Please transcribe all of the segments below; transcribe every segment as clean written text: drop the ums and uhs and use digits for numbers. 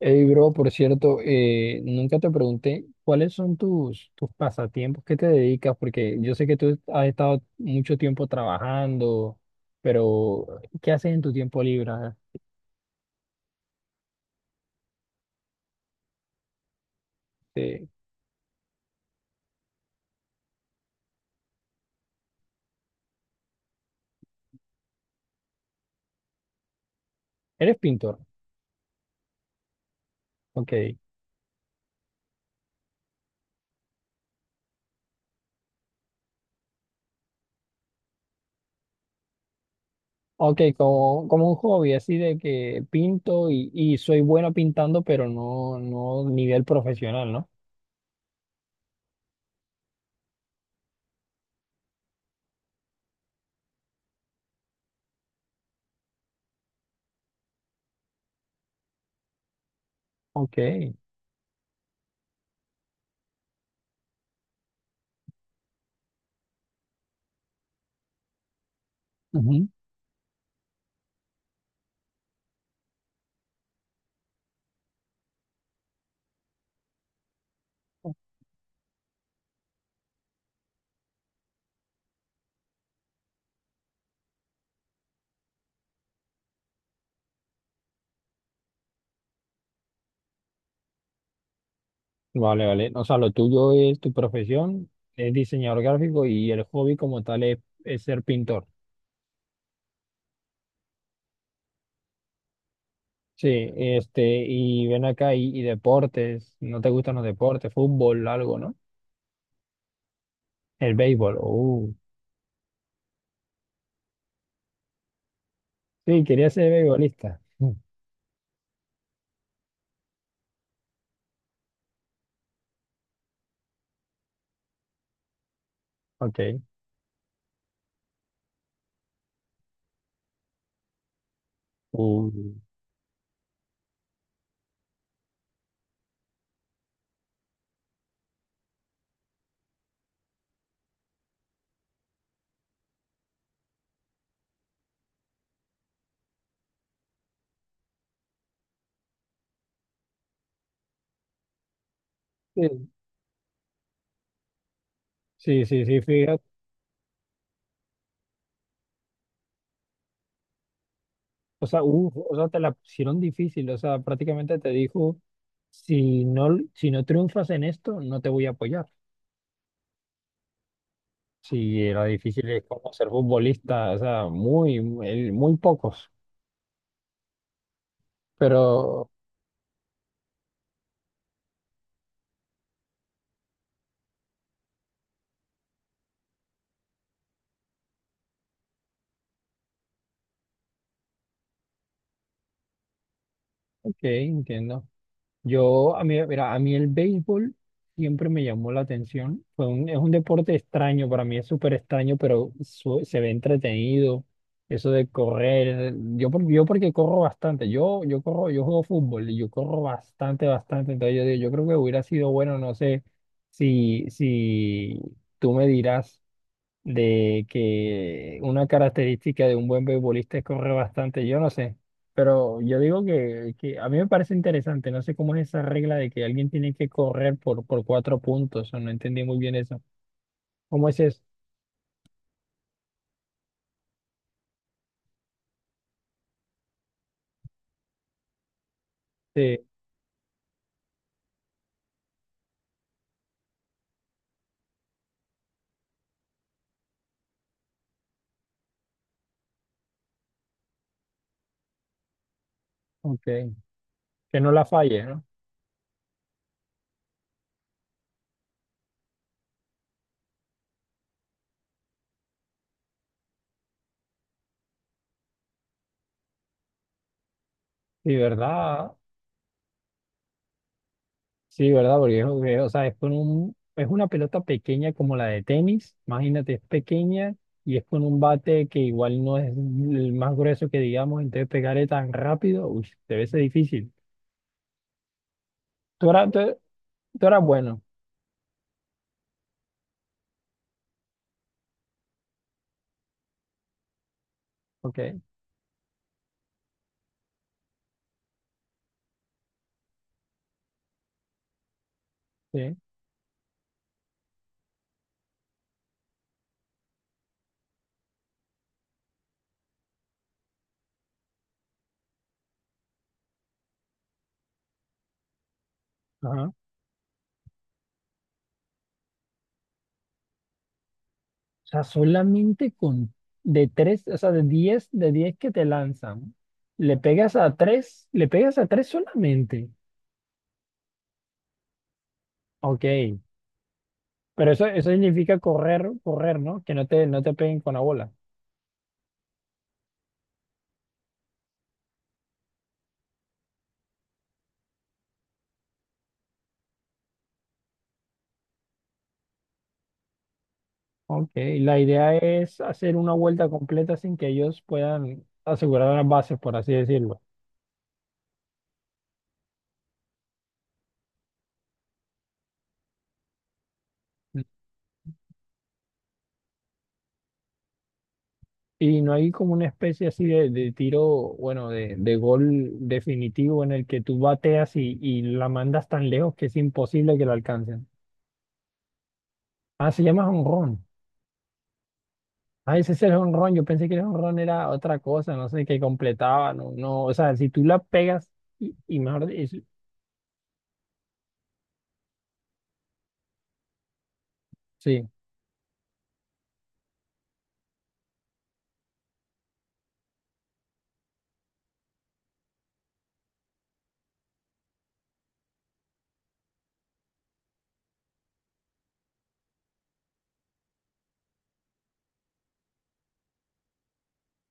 Hey, bro, por cierto, nunca te pregunté cuáles son tus pasatiempos, qué te dedicas, porque yo sé que tú has estado mucho tiempo trabajando, pero ¿qué haces en tu tiempo libre? Este, ¿eres pintor? Ok, ok, como un hobby, así de que pinto y soy bueno pintando, pero no, no nivel profesional, ¿no? Ok, ujú. Vale, vale, o sea, lo tuyo es tu profesión, es diseñador gráfico y el hobby como tal es ser pintor. Sí, este, y ven acá, y deportes, ¿no te gustan los deportes? Fútbol, algo, ¿no? El béisbol, sí, quería ser beisbolista. Mm. Ok, uh, sí, sí, sí, sí, fíjate, o sea, te la pusieron difícil, o sea, prácticamente te dijo, si no, si no triunfas en esto, no te voy a apoyar. Sí, era difícil, es como ser futbolista, o sea, muy, muy, muy pocos, pero, ok, entiendo. Yo, a mí, mira, a mí el béisbol siempre me llamó la atención. Es un deporte extraño, para mí es súper extraño, pero se ve entretenido. Eso de correr, yo porque corro bastante, yo corro, yo juego fútbol y yo corro bastante, bastante. Entonces yo digo, yo creo que hubiera sido bueno, no sé si tú me dirás de que una característica de un buen beisbolista es correr bastante, yo no sé, pero yo digo que a mí me parece interesante, no sé cómo es esa regla de que alguien tiene que correr por cuatro puntos, o no entendí muy bien eso. ¿Cómo es este? Ok, que no la falle, ¿no? Sí, ¿verdad? Sí, ¿verdad? Porque o sea, es con un, es una pelota pequeña como la de tenis, imagínate, es pequeña y es con un bate que igual no es el más grueso que digamos, entonces pegarle tan rápido, uy, debe ser difícil. Tú eras, tú, tú eras bueno, ok, sí, ajá. O sea, solamente con de tres, o sea, de 10 que te lanzan, le pegas a tres, le pegas a tres solamente, ok, pero eso significa correr, correr, ¿no? Que no te peguen con la bola. Ok, la idea es hacer una vuelta completa sin que ellos puedan asegurar las bases, por así decirlo. Y no hay como una especie así de tiro, bueno, de gol definitivo en el que tú bateas y la mandas tan lejos que es imposible que la alcancen. Ah, se llama jonrón. Ah, ese es el jonrón. Yo pensé que el jonrón era otra cosa, no sé, que completaba, no, no. O sea, si tú la pegas y mejor, sí,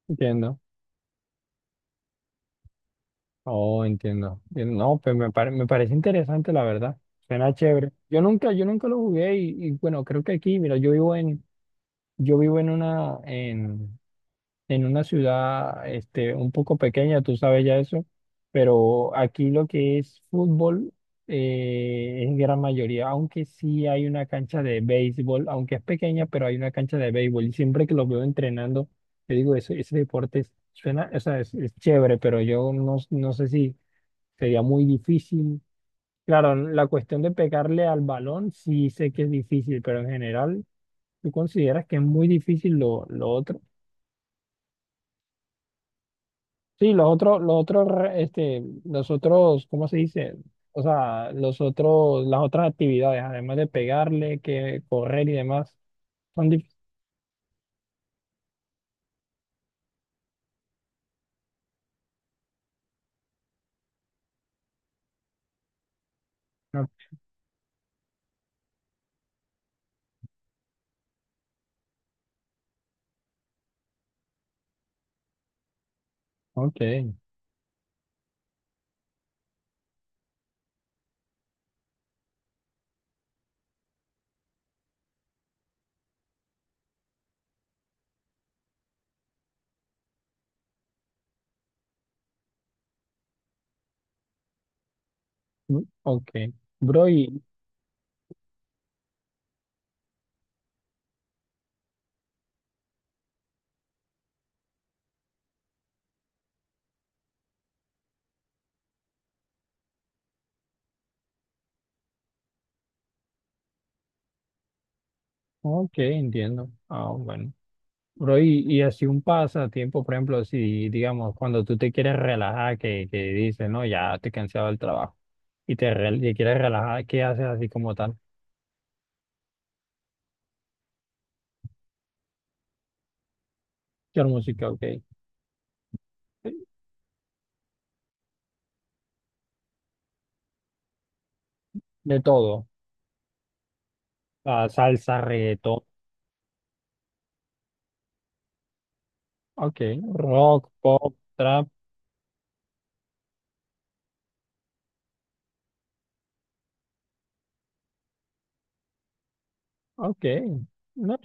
entiendo. Oh, entiendo. Bien. No, pues me parece interesante, la verdad. Suena chévere. Yo nunca lo jugué y bueno, creo que aquí, mira, yo vivo en una ciudad, este, un poco pequeña, tú sabes ya eso, pero aquí lo que es fútbol es gran mayoría, aunque sí hay una cancha de béisbol, aunque es pequeña, pero hay una cancha de béisbol y siempre que los veo entrenando, yo digo, ese deporte suena, o sea, es chévere, pero yo no, no sé si sería muy difícil. Claro, la cuestión de pegarle al balón sí sé que es difícil, pero en general, ¿tú consideras que es muy difícil lo otro? Sí, los otros, este, los otros, ¿cómo se dice? O sea, los otros, las otras actividades, además de pegarle, que correr y demás, son difíciles. Ok, mm, ok. Bro, y, ok, entiendo. Ah, bueno. Bro, y así un pasatiempo, por ejemplo, si digamos, cuando tú te quieres relajar, que dices, no, ya te he cansado del trabajo y quieres relajar, ¿qué haces así como tal? Quiero música, ok. De todo. Ah, salsa, reggaetón, ok. Rock, pop, trap, ok. No,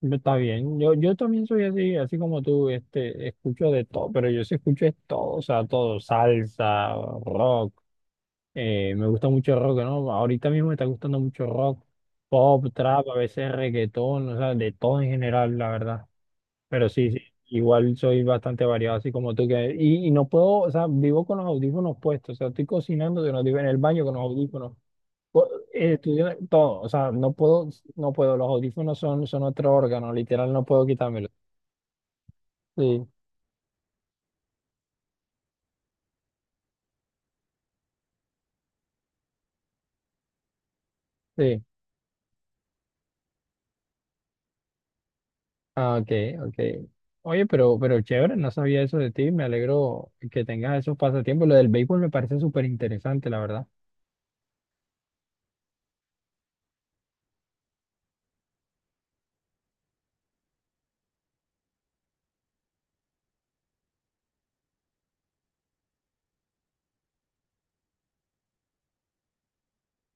no está bien. Yo también soy así, así como tú, este, escucho de todo, pero yo sí escucho es todo, o sea, todo, salsa, rock. Me gusta mucho el rock, ¿no? Ahorita mismo me está gustando mucho rock, pop, trap, a veces reggaetón, o sea, de todo en general, la verdad. Pero sí, sí, igual soy bastante variado, así como tú que... y no puedo, o sea, vivo con los audífonos puestos, o sea, estoy cocinando, con los digo en el baño con los audífonos, co- estudiando, todo, o sea, no puedo, no puedo, los audífonos son otro órgano, literal, no puedo quitármelos. Sí, sí. Ah, ok, ok. Oye, pero chévere, no sabía eso de ti. Me alegro que tengas esos pasatiempos. Lo del béisbol me parece súper interesante, la verdad.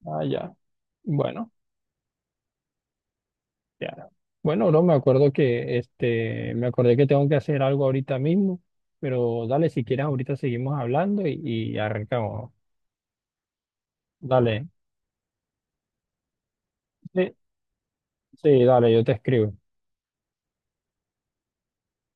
Ah, ya. Bueno, ya. Bueno, bro, me acuerdo que este, me acordé que tengo que hacer algo ahorita mismo, pero dale, si quieres, ahorita seguimos hablando y arrancamos. Dale, sí, sí, dale, yo te escribo.